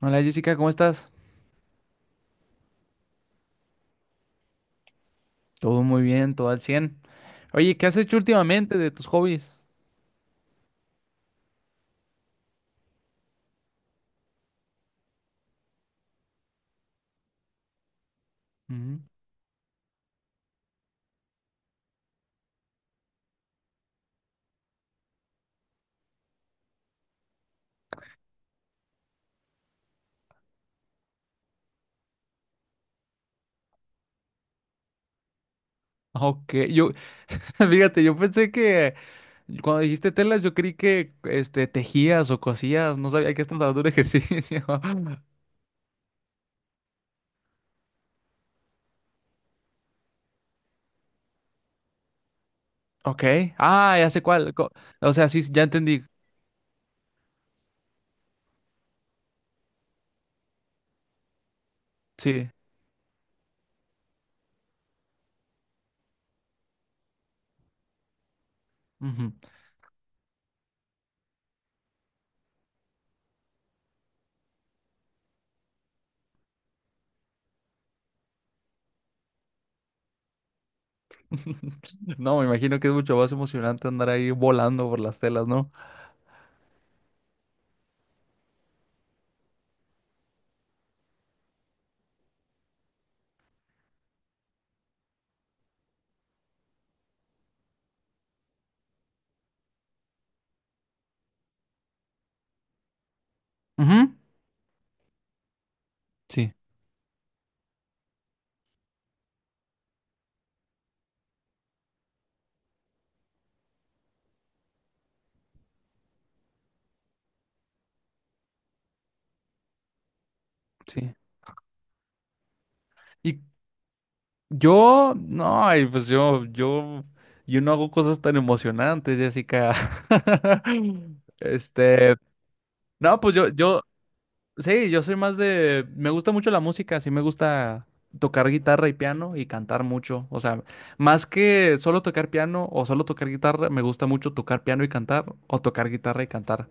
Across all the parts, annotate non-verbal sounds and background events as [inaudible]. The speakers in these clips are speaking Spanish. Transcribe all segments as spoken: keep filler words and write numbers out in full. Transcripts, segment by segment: Hola Jessica, ¿cómo estás? Todo muy bien, todo al cien. Oye, ¿qué has hecho últimamente de tus hobbies? Ujú. Ah, ok, yo, [laughs] fíjate, yo pensé que cuando dijiste telas, yo creí que este, tejías o cosías, no sabía que estás hablando de ejercicio. [laughs] Ok. Ah, ya sé cuál. co- O sea, sí, ya entendí, sí. Ujú. [laughs] No, me imagino que es mucho más emocionante andar ahí volando por las telas, ¿no? Ujú. Sí, sí. ¿Y, Yo, no, ay, pues yo, yo, yo no hago cosas tan emocionantes, Jessica. [laughs] Este, no, pues yo, yo, sí, yo soy más de, me gusta mucho la música, sí me gusta tocar guitarra y piano y cantar mucho. O sea, más que solo tocar piano o solo tocar guitarra, me gusta mucho tocar piano y cantar o tocar guitarra y cantar.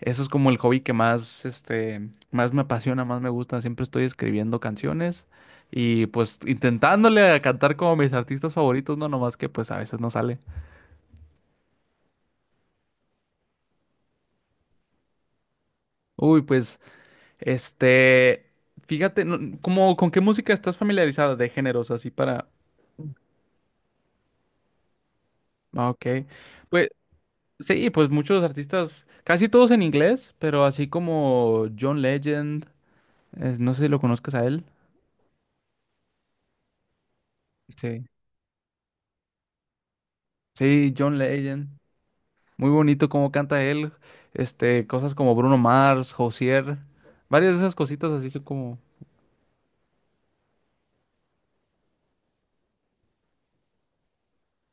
Eso es como el hobby que más, este, más me apasiona, más me gusta. Siempre estoy escribiendo canciones y pues intentándole a cantar como mis artistas favoritos, no nomás que pues a veces no sale. Uy, pues, este, fíjate, no- como, ¿con qué música estás familiarizada de géneros así para...? Ah, ok, pues sí, pues muchos artistas, casi todos en inglés, pero así como John Legend, es- no sé si lo conozcas a él. Sí. Sí, John Legend. Muy bonito cómo canta él, este, cosas como Bruno Mars, Josier, varias de esas cositas así son como,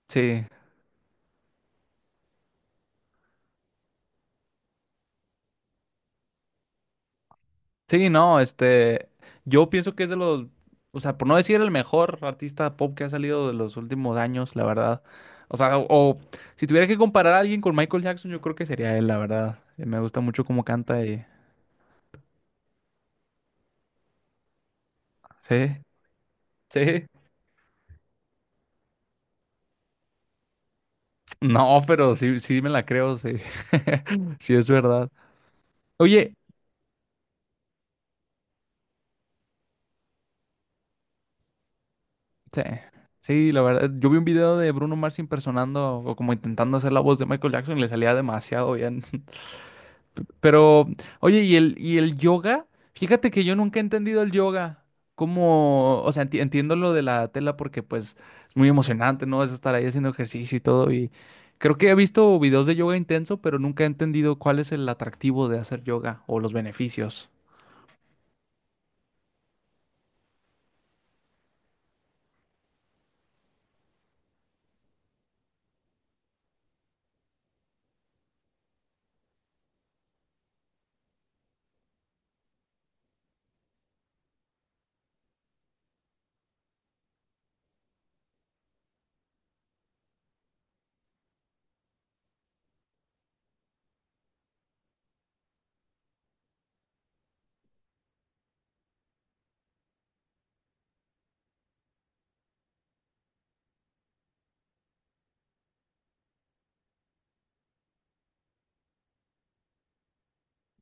sí, sí, no, este, yo pienso que es de los, o sea, por no decir el mejor artista pop que ha salido de los últimos años, la verdad, o sea, o, o si tuviera que comparar a alguien con Michael Jackson, yo creo que sería él, la verdad. Eh, me gusta mucho cómo canta y, sí, sí, no, pero sí, sí me la creo, sí, [laughs] sí es verdad. Oye. Sí, sí, la verdad. Yo vi un video de Bruno Mars impersonando o como intentando hacer la voz de Michael Jackson y le salía demasiado bien. [laughs] Pero, oye, ¿y el, y el yoga? Fíjate que yo nunca he entendido el yoga. Como, o sea, enti- entiendo lo de la tela porque pues es muy emocionante, ¿no? Es estar ahí haciendo ejercicio y todo. Y creo que he visto videos de yoga intenso, pero nunca he entendido cuál es el atractivo de hacer yoga o los beneficios.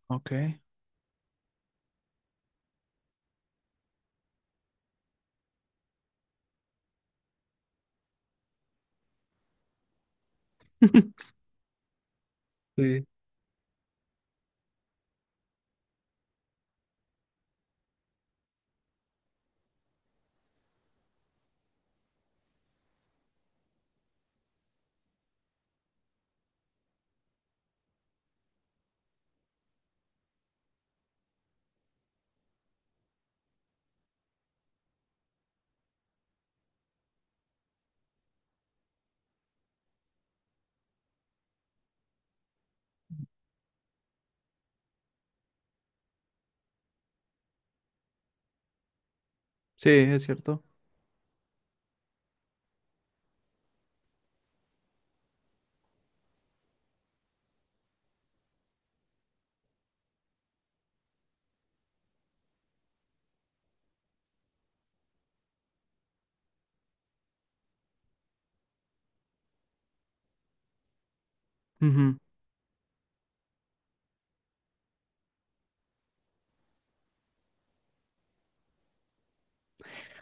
Ok. [laughs] Sí, sí, es cierto.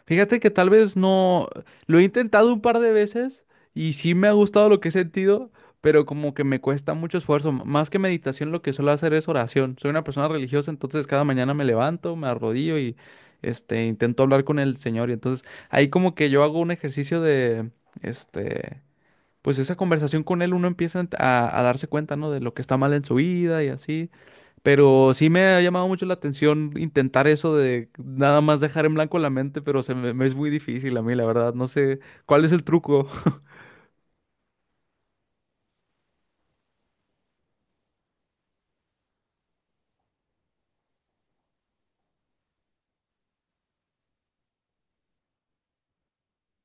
Fíjate que tal vez no, lo he intentado un par de veces y sí me ha gustado lo que he sentido, pero como que me cuesta mucho esfuerzo. M- Más que meditación, lo que suelo hacer es oración. Soy una persona religiosa, entonces cada mañana me levanto, me arrodillo y este intento hablar con el Señor. Y entonces ahí como que yo hago un ejercicio de este, pues esa conversación con él, uno empieza a, a darse cuenta, ¿no? De lo que está mal en su vida y así. Pero sí me ha llamado mucho la atención intentar eso de nada más dejar en blanco la mente, pero se me, me es muy difícil a mí, la verdad. No sé cuál es el truco.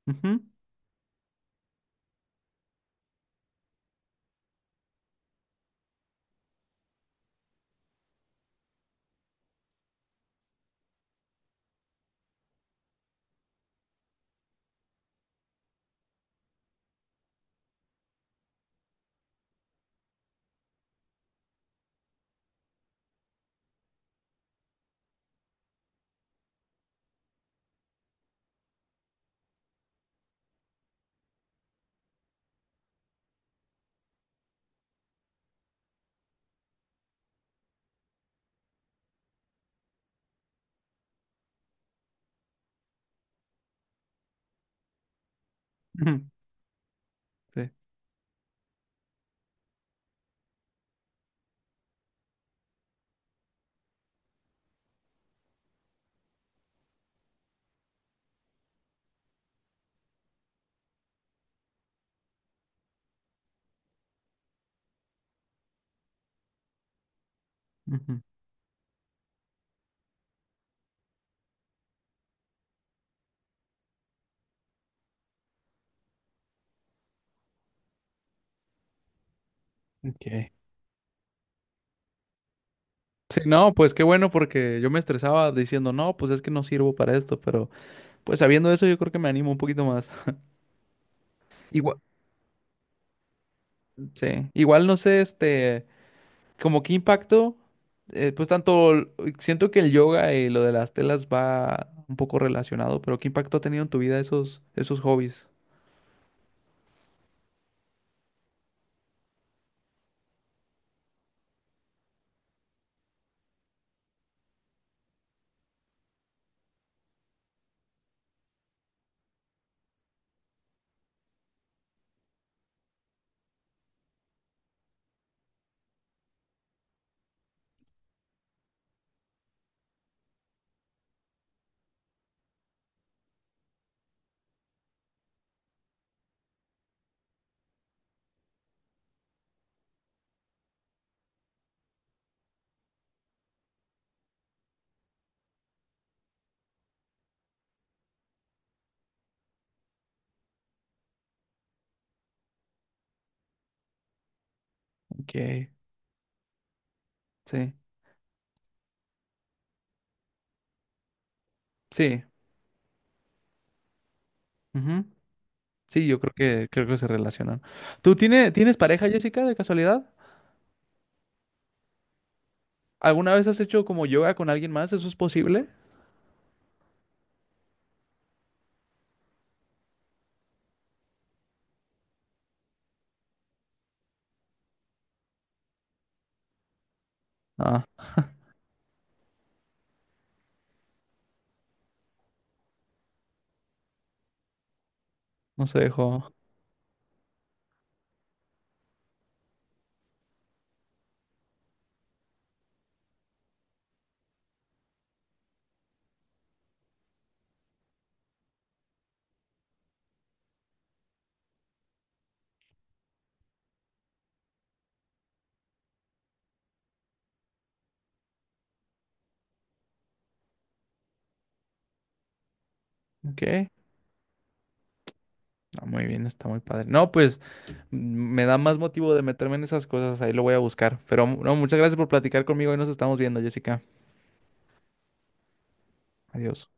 [laughs] Ujú. Ujú. Sí. Ujú. Ok. Sí, no, pues qué bueno porque yo me estresaba diciendo, no, pues es que no sirvo para esto, pero pues sabiendo eso yo creo que me animo un poquito más. [laughs] Igual. Sí, igual no sé, este, como qué impacto, eh, pues tanto, l- siento que el yoga y lo de las telas va un poco relacionado, pero qué impacto ha tenido en tu vida esos, esos hobbies. Ok, sí, sí, ujú. Sí, yo creo que creo que se relacionan. ¿Tú tiene- tienes pareja, Jessica, de casualidad? ¿Alguna vez has hecho como yoga con alguien más? ¿Eso es posible? Ah, no se dejó. Ok, ah, muy bien, está muy padre. No, pues mm, me da más motivo de meterme en esas cosas, ahí lo voy a buscar. Pero no, muchas gracias por platicar conmigo y nos estamos viendo, Jessica. Adiós.